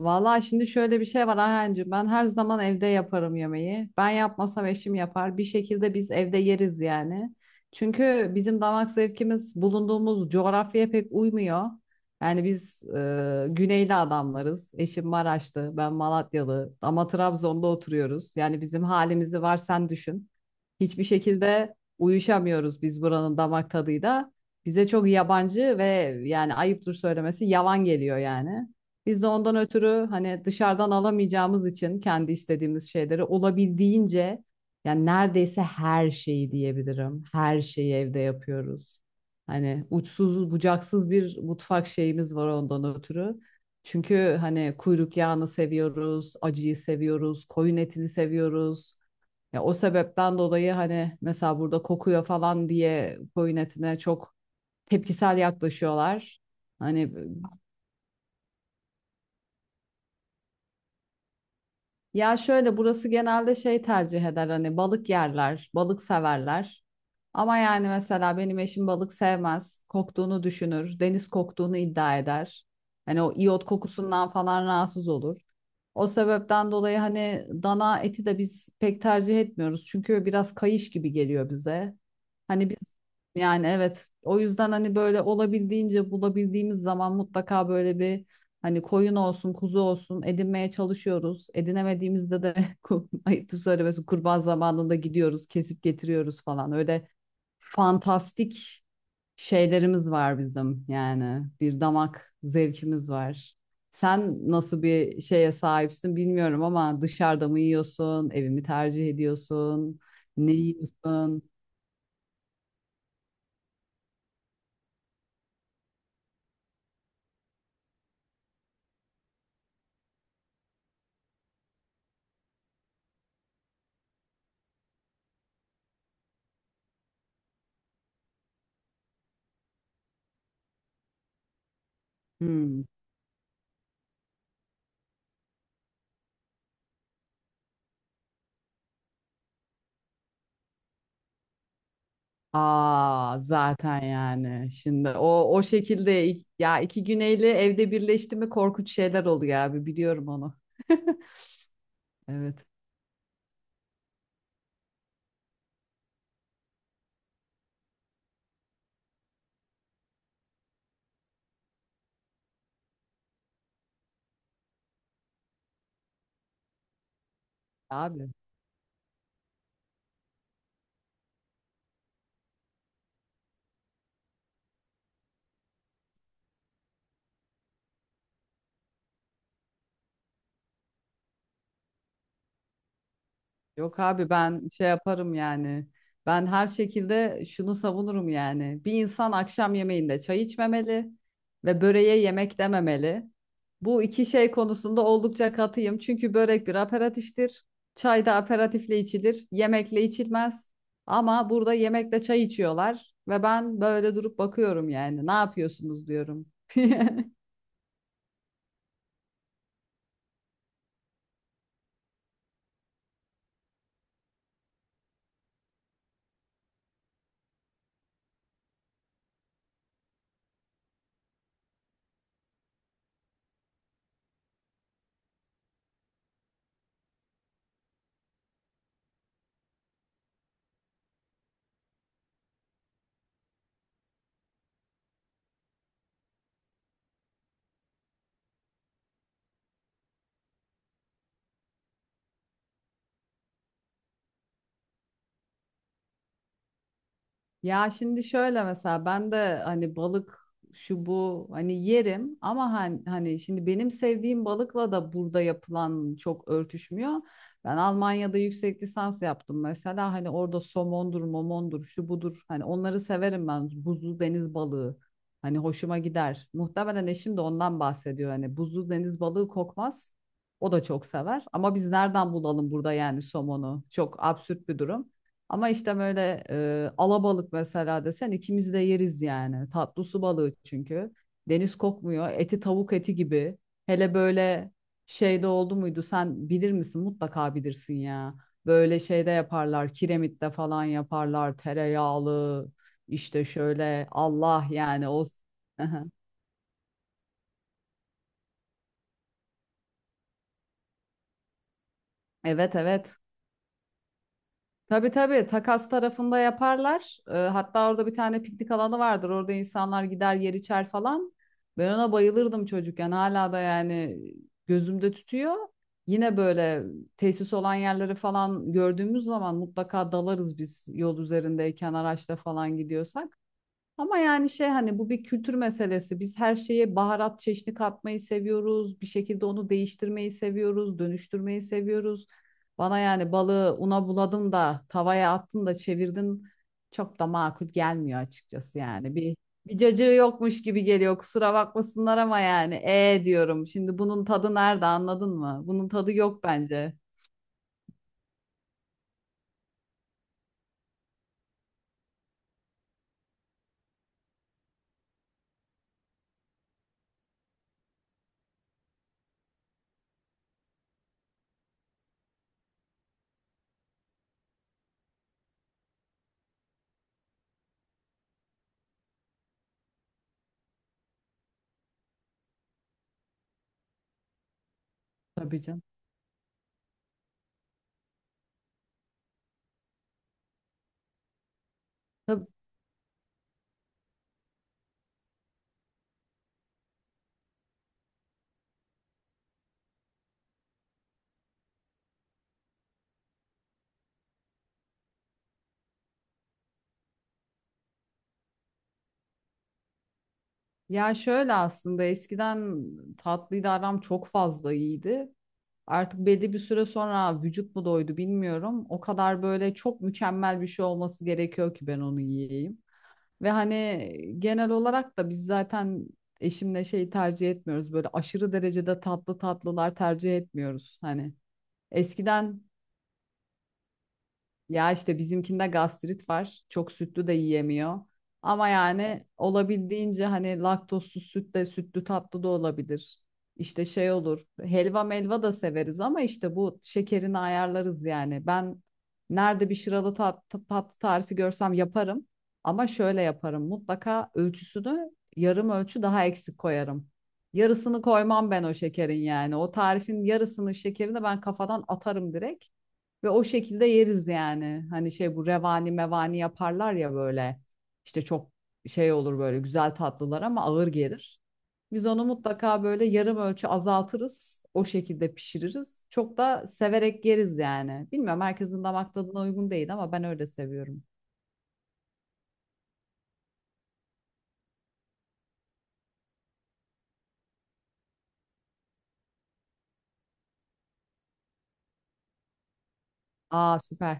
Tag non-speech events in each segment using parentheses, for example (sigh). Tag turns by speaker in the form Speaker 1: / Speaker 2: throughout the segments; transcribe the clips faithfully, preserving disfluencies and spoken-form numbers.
Speaker 1: Vallahi şimdi şöyle bir şey var Ayhancığım. Ben her zaman evde yaparım yemeği. Ben yapmasam eşim yapar. Bir şekilde biz evde yeriz yani. Çünkü bizim damak zevkimiz bulunduğumuz coğrafyaya pek uymuyor. Yani biz e, güneyli adamlarız. Eşim Maraşlı, ben Malatyalı ama Trabzon'da oturuyoruz. Yani bizim halimizi var sen düşün. Hiçbir şekilde uyuşamıyoruz biz buranın damak tadıyla. Bize çok yabancı ve yani ayıptır söylemesi yavan geliyor yani. Biz de ondan ötürü hani dışarıdan alamayacağımız için kendi istediğimiz şeyleri olabildiğince yani neredeyse her şeyi diyebilirim. Her şeyi evde yapıyoruz. Hani uçsuz bucaksız bir mutfak şeyimiz var ondan ötürü. Çünkü hani kuyruk yağını seviyoruz, acıyı seviyoruz, koyun etini seviyoruz. Ya o sebepten dolayı hani mesela burada kokuyor falan diye koyun etine çok tepkisel yaklaşıyorlar. Hani ya şöyle burası genelde şey tercih eder, hani balık yerler, balık severler. Ama yani mesela benim eşim balık sevmez. Koktuğunu düşünür, deniz koktuğunu iddia eder. Hani o iyot kokusundan falan rahatsız olur. O sebepten dolayı hani dana eti de biz pek tercih etmiyoruz. Çünkü biraz kayış gibi geliyor bize. Hani biz yani evet, o yüzden hani böyle olabildiğince bulabildiğimiz zaman mutlaka böyle bir hani koyun olsun kuzu olsun edinmeye çalışıyoruz. Edinemediğimizde de (laughs) ku- ayıptır söylemesi kurban zamanında gidiyoruz kesip getiriyoruz falan, öyle fantastik şeylerimiz var bizim yani, bir damak zevkimiz var. Sen nasıl bir şeye sahipsin bilmiyorum ama dışarıda mı yiyorsun, evimi tercih ediyorsun, ne yiyorsun? Hmm. Aa zaten yani şimdi o o şekilde ik- ya iki güneyli evde birleşti mi korkunç şeyler oluyor abi, biliyorum onu. (laughs) Evet abi. Yok abi, ben şey yaparım yani. Ben her şekilde şunu savunurum yani: bir insan akşam yemeğinde çay içmemeli ve böreğe yemek dememeli. Bu iki şey konusunda oldukça katıyım. Çünkü börek bir aperatiftir. Çay da aperatifle içilir. Yemekle içilmez. Ama burada yemekle çay içiyorlar ve ben böyle durup bakıyorum yani. Ne yapıyorsunuz diyorum. (laughs) Ya şimdi şöyle, mesela ben de hani balık şu bu hani yerim ama hani, hani şimdi benim sevdiğim balıkla da burada yapılan çok örtüşmüyor. Ben Almanya'da yüksek lisans yaptım mesela, hani orada somondur, momondur, şu budur. Hani onları severim ben, buzlu deniz balığı. Hani hoşuma gider. Muhtemelen eşim de ondan bahsediyor. Hani buzlu deniz balığı kokmaz. O da çok sever. Ama biz nereden bulalım burada yani somonu? Çok absürt bir durum. Ama işte böyle e, alabalık mesela desen ikimiz de yeriz yani. Tatlı su balığı çünkü. Deniz kokmuyor. Eti tavuk eti gibi. Hele böyle şeyde oldu muydu? Sen bilir misin? Mutlaka bilirsin ya. Böyle şeyde yaparlar. Kiremitte falan yaparlar. Tereyağlı. İşte şöyle, Allah yani o. (laughs) Evet evet. Tabii tabii, takas tarafında yaparlar. Ee, hatta orada bir tane piknik alanı vardır. Orada insanlar gider yer içer falan. Ben ona bayılırdım çocukken. Hala da yani gözümde tutuyor. Yine böyle tesis olan yerleri falan gördüğümüz zaman mutlaka dalarız biz, yol üzerindeyken araçla falan gidiyorsak. Ama yani şey, hani bu bir kültür meselesi. Biz her şeye baharat çeşni katmayı seviyoruz. Bir şekilde onu değiştirmeyi seviyoruz, dönüştürmeyi seviyoruz. Bana yani balığı una buladın da tavaya attın da çevirdin, çok da makul gelmiyor açıkçası yani. Bir bir cacığı yokmuş gibi geliyor. Kusura bakmasınlar ama yani e diyorum. Şimdi bunun tadı nerede, anladın mı? Bunun tadı yok bence. Tabii canım. Tabii. Ya şöyle, aslında eskiden tatlıyla aram çok fazla iyiydi. Artık belli bir süre sonra vücut mu doydu bilmiyorum. O kadar böyle çok mükemmel bir şey olması gerekiyor ki ben onu yiyeyim. Ve hani genel olarak da biz zaten eşimle şey tercih etmiyoruz. Böyle aşırı derecede tatlı tatlılar tercih etmiyoruz. Hani eskiden ya işte bizimkinde gastrit var. Çok sütlü de yiyemiyor. Ama yani olabildiğince hani laktozsuz süt de sütlü tatlı da olabilir. İşte şey olur. Helva melva da severiz ama işte bu şekerini ayarlarız yani. Ben nerede bir şıralı tat, tatlı tarifi görsem yaparım. Ama şöyle yaparım: mutlaka ölçüsünü yarım ölçü daha eksik koyarım. Yarısını koymam ben o şekerin yani. O tarifin yarısını şekerini ben kafadan atarım direkt. Ve o şekilde yeriz yani. Hani şey, bu revani mevani yaparlar ya böyle. İşte çok şey olur böyle güzel tatlılar ama ağır gelir. Biz onu mutlaka böyle yarım ölçü azaltırız. O şekilde pişiririz. Çok da severek yeriz yani. Bilmiyorum herkesin damak tadına uygun değil ama ben öyle seviyorum. Aa süper.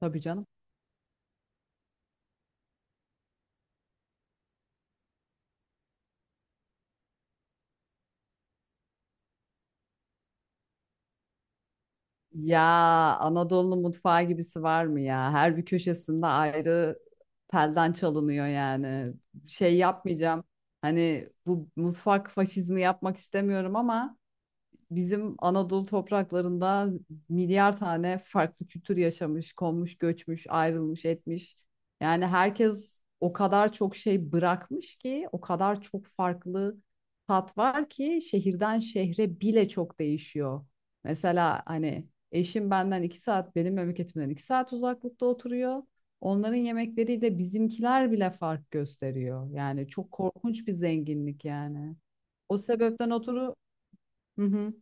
Speaker 1: Tabii canım. Ya Anadolu mutfağı gibisi var mı ya? Her bir köşesinde ayrı telden çalınıyor yani. Şey yapmayacağım. Hani bu mutfak faşizmi yapmak istemiyorum ama bizim Anadolu topraklarında milyar tane farklı kültür yaşamış, konmuş, göçmüş, ayrılmış, etmiş. Yani herkes o kadar çok şey bırakmış ki, o kadar çok farklı tat var ki şehirden şehre bile çok değişiyor. Mesela hani eşim benden iki saat, benim memleketimden iki saat uzaklıkta oturuyor. Onların yemekleriyle bizimkiler bile fark gösteriyor. Yani çok korkunç bir zenginlik yani. O sebepten oturu. Hı hı.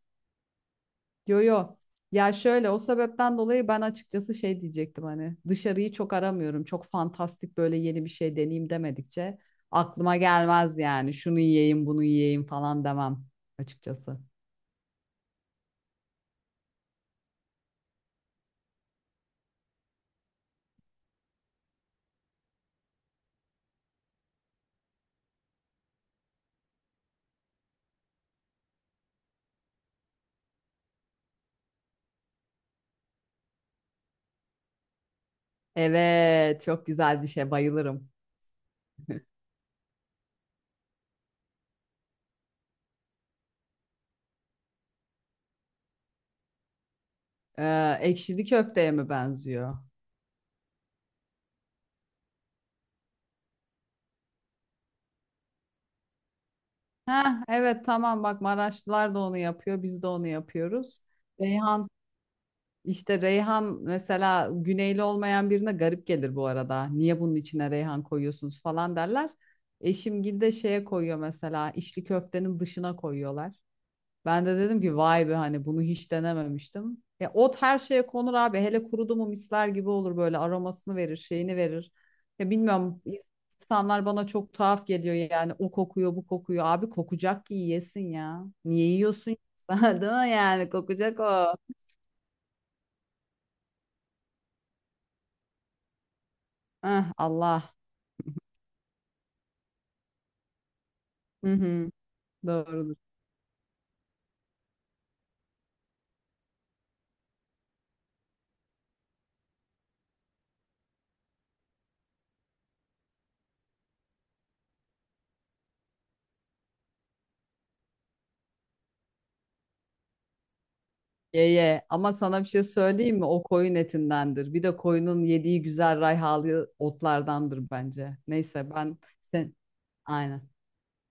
Speaker 1: Yo yo. Ya şöyle, o sebepten dolayı ben açıkçası şey diyecektim, hani dışarıyı çok aramıyorum. Çok fantastik böyle yeni bir şey deneyeyim demedikçe aklıma gelmez yani. Şunu yiyeyim, bunu yiyeyim falan demem açıkçası. Evet, çok güzel bir şey. Bayılırım. Ee, ekşili köfteye mi benziyor? Heh, evet tamam, bak Maraşlılar da onu yapıyor. Biz de onu yapıyoruz. İşte reyhan mesela, güneyli olmayan birine garip gelir bu arada. Niye bunun içine reyhan koyuyorsunuz falan derler. Eşim de şeye koyuyor mesela, içli köftenin dışına koyuyorlar. Ben de dedim ki vay be, hani bunu hiç denememiştim. Ya ot her şeye konur abi. Hele kurudu mu misler gibi olur böyle, aromasını verir, şeyini verir. Ya bilmiyorum, insanlar bana çok tuhaf geliyor yani, o kokuyor bu kokuyor. Abi kokacak ki yiyesin ya. Niye yiyorsun? (laughs) Değil mi yani, kokacak o. Eh, Allah. Hı hı, doğrudur. Ye ye. Ama sana bir şey söyleyeyim mi? O koyun etindendir. Bir de koyunun yediği güzel rayhalı otlardandır bence. Neyse, ben sen aynen.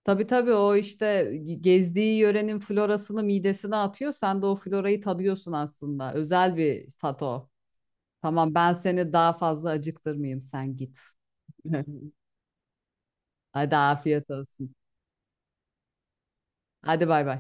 Speaker 1: Tabii tabii, o işte gezdiği yörenin florasını midesine atıyor. Sen de o florayı tadıyorsun aslında. Özel bir tat o. Tamam, ben seni daha fazla acıktırmayayım, sen git. (laughs) Hadi afiyet olsun. Hadi bay bay.